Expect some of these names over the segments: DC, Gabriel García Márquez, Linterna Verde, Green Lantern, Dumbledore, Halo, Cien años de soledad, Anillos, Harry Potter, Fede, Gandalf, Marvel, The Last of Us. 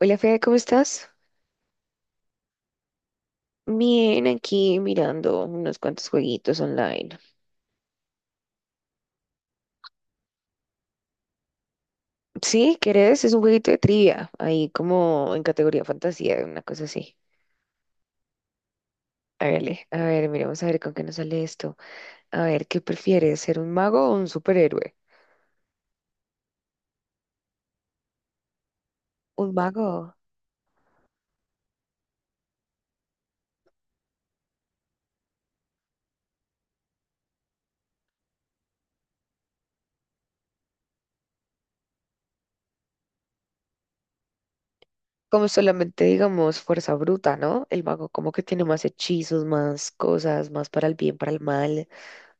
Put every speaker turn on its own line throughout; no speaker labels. Hola Fede, ¿cómo estás? Bien, aquí mirando unos cuantos jueguitos online. Sí, ¿querés? Es un jueguito de trivia, ahí como en categoría fantasía, una cosa así. Hágale, a ver, miremos a ver con qué nos sale esto. A ver, ¿qué prefieres, ser un mago o un superhéroe? Un mago. Como solamente digamos fuerza bruta, ¿no? El mago como que tiene más hechizos, más cosas, más para el bien, para el mal.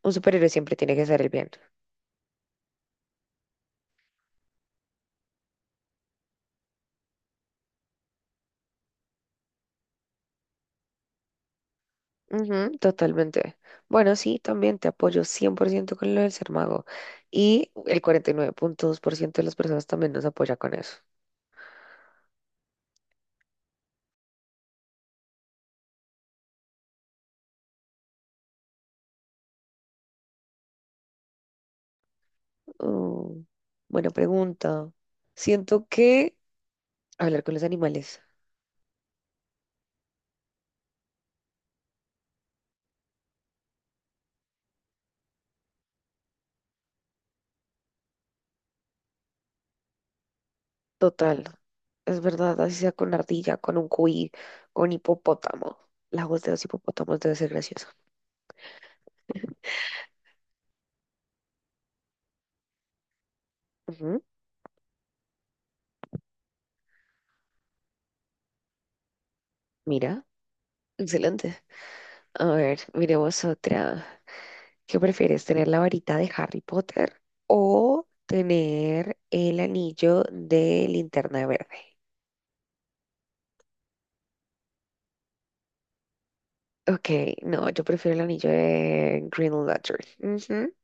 Un superhéroe siempre tiene que ser el bien. Ujú, totalmente. Bueno, sí, también te apoyo 100% con lo del ser mago. Y el 49,2% de las personas también nos apoya con eso. Mm, buena pregunta. Siento que hablar con los animales. Total. Es verdad, así sea con ardilla, con un cuy, con hipopótamo. La voz de los hipopótamos debe ser graciosa. Ujú. Mira, excelente. A ver, miremos otra. ¿Qué prefieres, tener la varita de Harry Potter o tener el anillo de Linterna Verde? Ok, no, yo prefiero el anillo de Green Lantern. Ujú.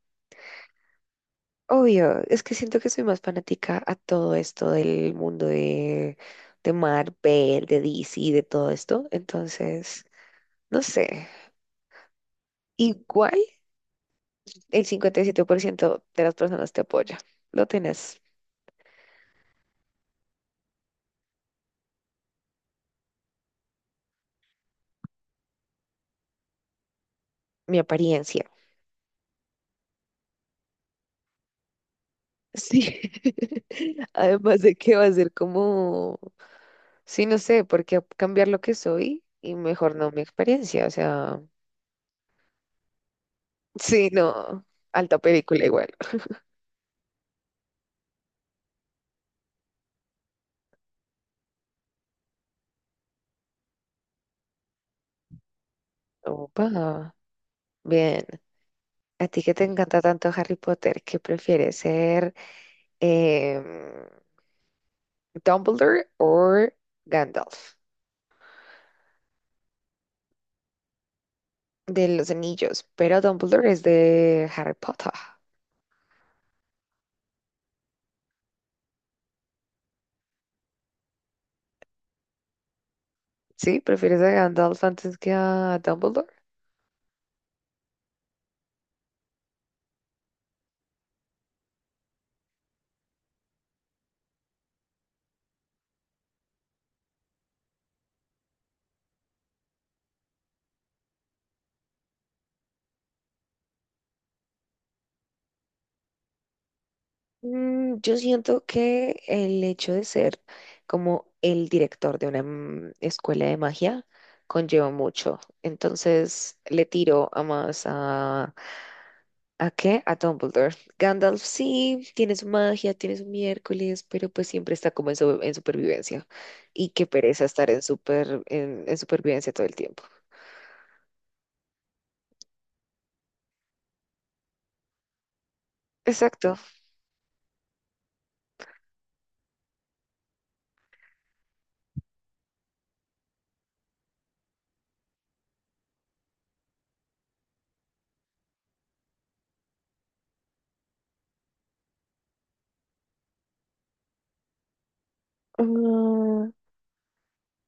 Obvio, es que siento que soy más fanática a todo esto del mundo de Marvel, de DC, de todo esto. Entonces, no sé. Igual el 57% de las personas te apoya. Lo tenés, mi apariencia. Sí, además de que va a ser como, sí, no sé, porque cambiar lo que soy y mejor no mi experiencia, o sea, sí, no, alta película igual. Opa, bien. A ti que te encanta tanto Harry Potter, ¿qué prefieres ser em, Dumbledore o Gandalf de los Anillos? Pero Dumbledore es de Harry Potter, ¿sí? ¿Prefieres a Gandalf antes que a Dumbledore? Yo siento que el hecho de ser como el director de una escuela de magia conlleva mucho. Entonces le tiro a más a... ¿A qué? A Dumbledore. Gandalf sí, tiene su magia, tiene su miércoles, pero pues siempre está como en supervivencia. Y qué pereza estar en supervivencia todo el tiempo. Exacto.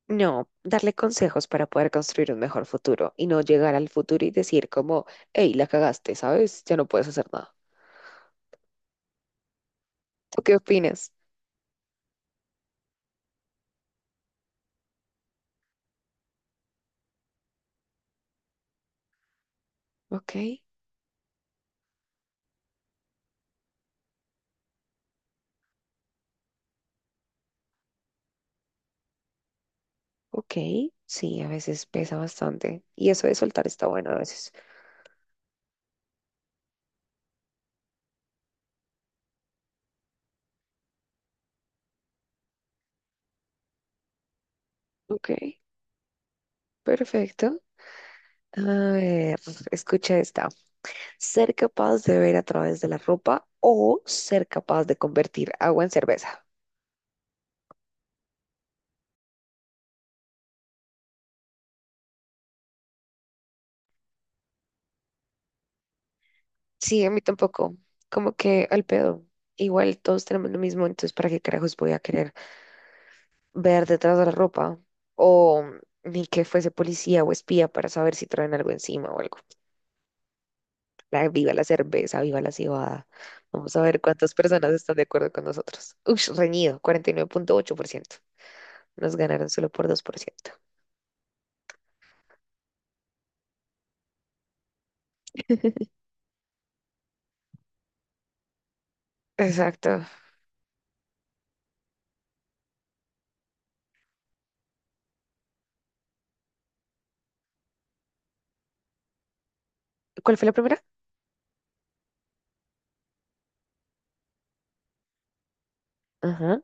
No, darle consejos para poder construir un mejor futuro y no llegar al futuro y decir como, hey, la cagaste, ¿sabes? Ya no puedes hacer nada. ¿Tú qué opinas? Ok, ok, sí, a veces pesa bastante. Y eso de soltar está bueno a veces. Ok, perfecto. A ver, escucha esta. Ser capaz de ver a través de la ropa o ser capaz de convertir agua en cerveza. Sí, a mí tampoco. Como que al pedo. Igual todos tenemos lo mismo, entonces ¿para qué carajos voy a querer ver detrás de la ropa o ni que fuese policía o espía para saber si traen algo encima o algo? Viva la cerveza, viva la cebada. Vamos a ver cuántas personas están de acuerdo con nosotros. Ush, reñido, 49,8%. Nos ganaron solo por 2%. Exacto. ¿Cuál fue la primera? Ajá,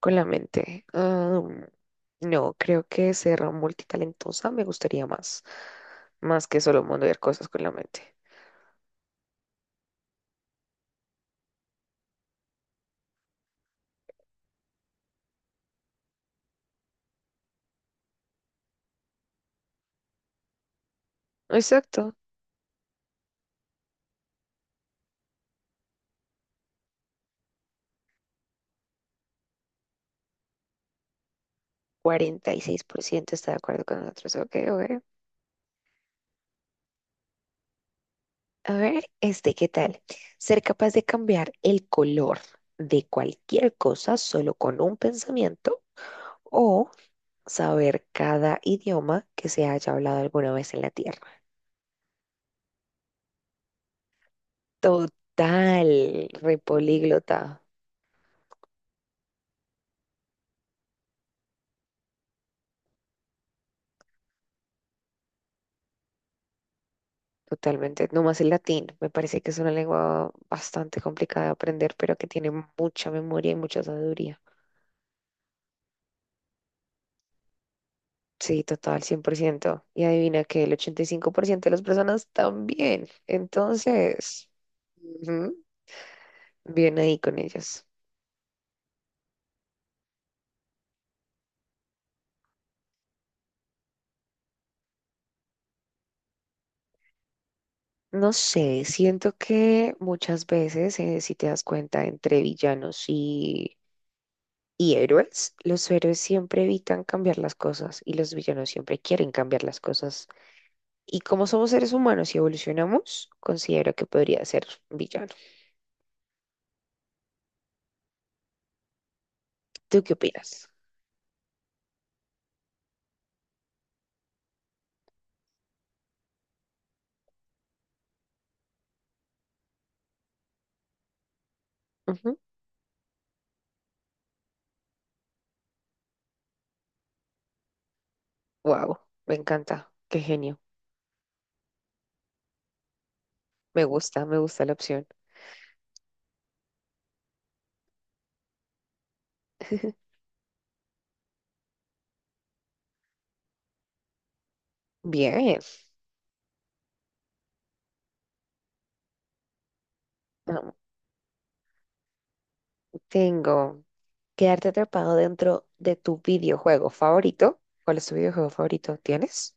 con la mente. No, creo que ser multitalentosa me gustaría más que solo mondear cosas con la mente. Exacto, 46% está de acuerdo con nosotros. Ok, ok. A ver, este, ¿qué tal? Ser capaz de cambiar el color de cualquier cosa solo con un pensamiento o saber cada idioma que se haya hablado alguna vez en la Tierra. Total, repolíglota. Totalmente, no más el latín. Me parece que es una lengua bastante complicada de aprender, pero que tiene mucha memoria y mucha sabiduría. Sí, total, 100%. Y adivina que el 85% de las personas también. Entonces, ujú, bien ahí con ellas. No sé, siento que muchas veces, si te das cuenta, entre villanos y héroes, los héroes siempre evitan cambiar las cosas y los villanos siempre quieren cambiar las cosas. Y como somos seres humanos y evolucionamos, considero que podría ser villano. ¿Tú qué opinas? Wow, me encanta. Qué genio. Me gusta la opción. Bien. am, Tengo quedarte atrapado dentro de tu videojuego favorito. ¿Cuál es tu videojuego favorito? ¿Tienes?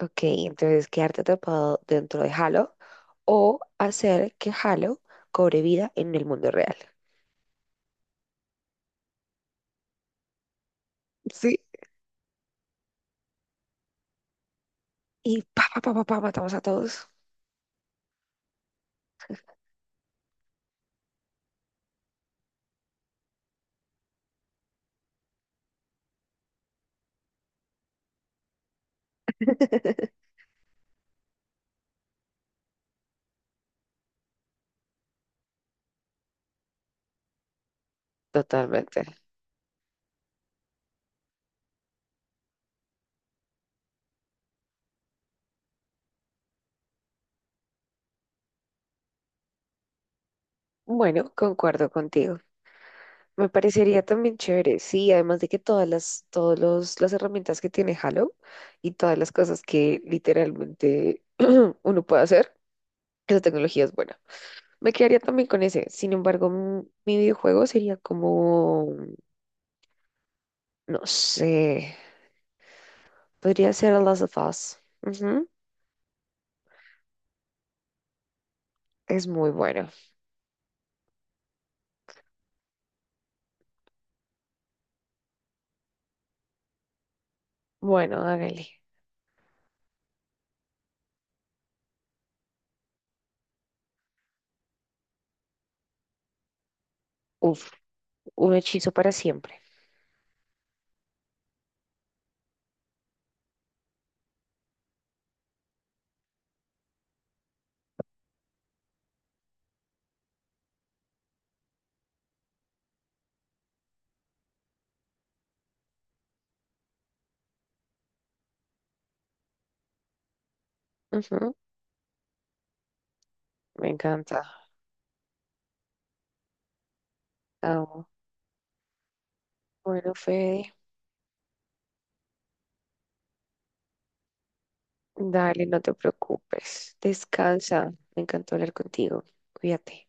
Ok, entonces quedarte atrapado dentro de Halo o hacer que Halo cobre vida en el mundo real. Sí. Y pa, pa, pa, pa, pa, matamos a todos. Totalmente. Bueno, concuerdo contigo. Me parecería también chévere, sí, además de que todas las, todos los, las herramientas que tiene Halo y todas las cosas que literalmente uno puede hacer, esa tecnología es buena. Me quedaría también con ese, sin embargo, mi videojuego sería como, no sé, podría ser The Last of Us. Ujú. Es muy bueno. Bueno, hágale. Uf, un hechizo para siempre. Ujú. Me encanta. Amo. Bueno, Fede. Dale, no te preocupes. Descansa. Me encantó hablar contigo. Cuídate.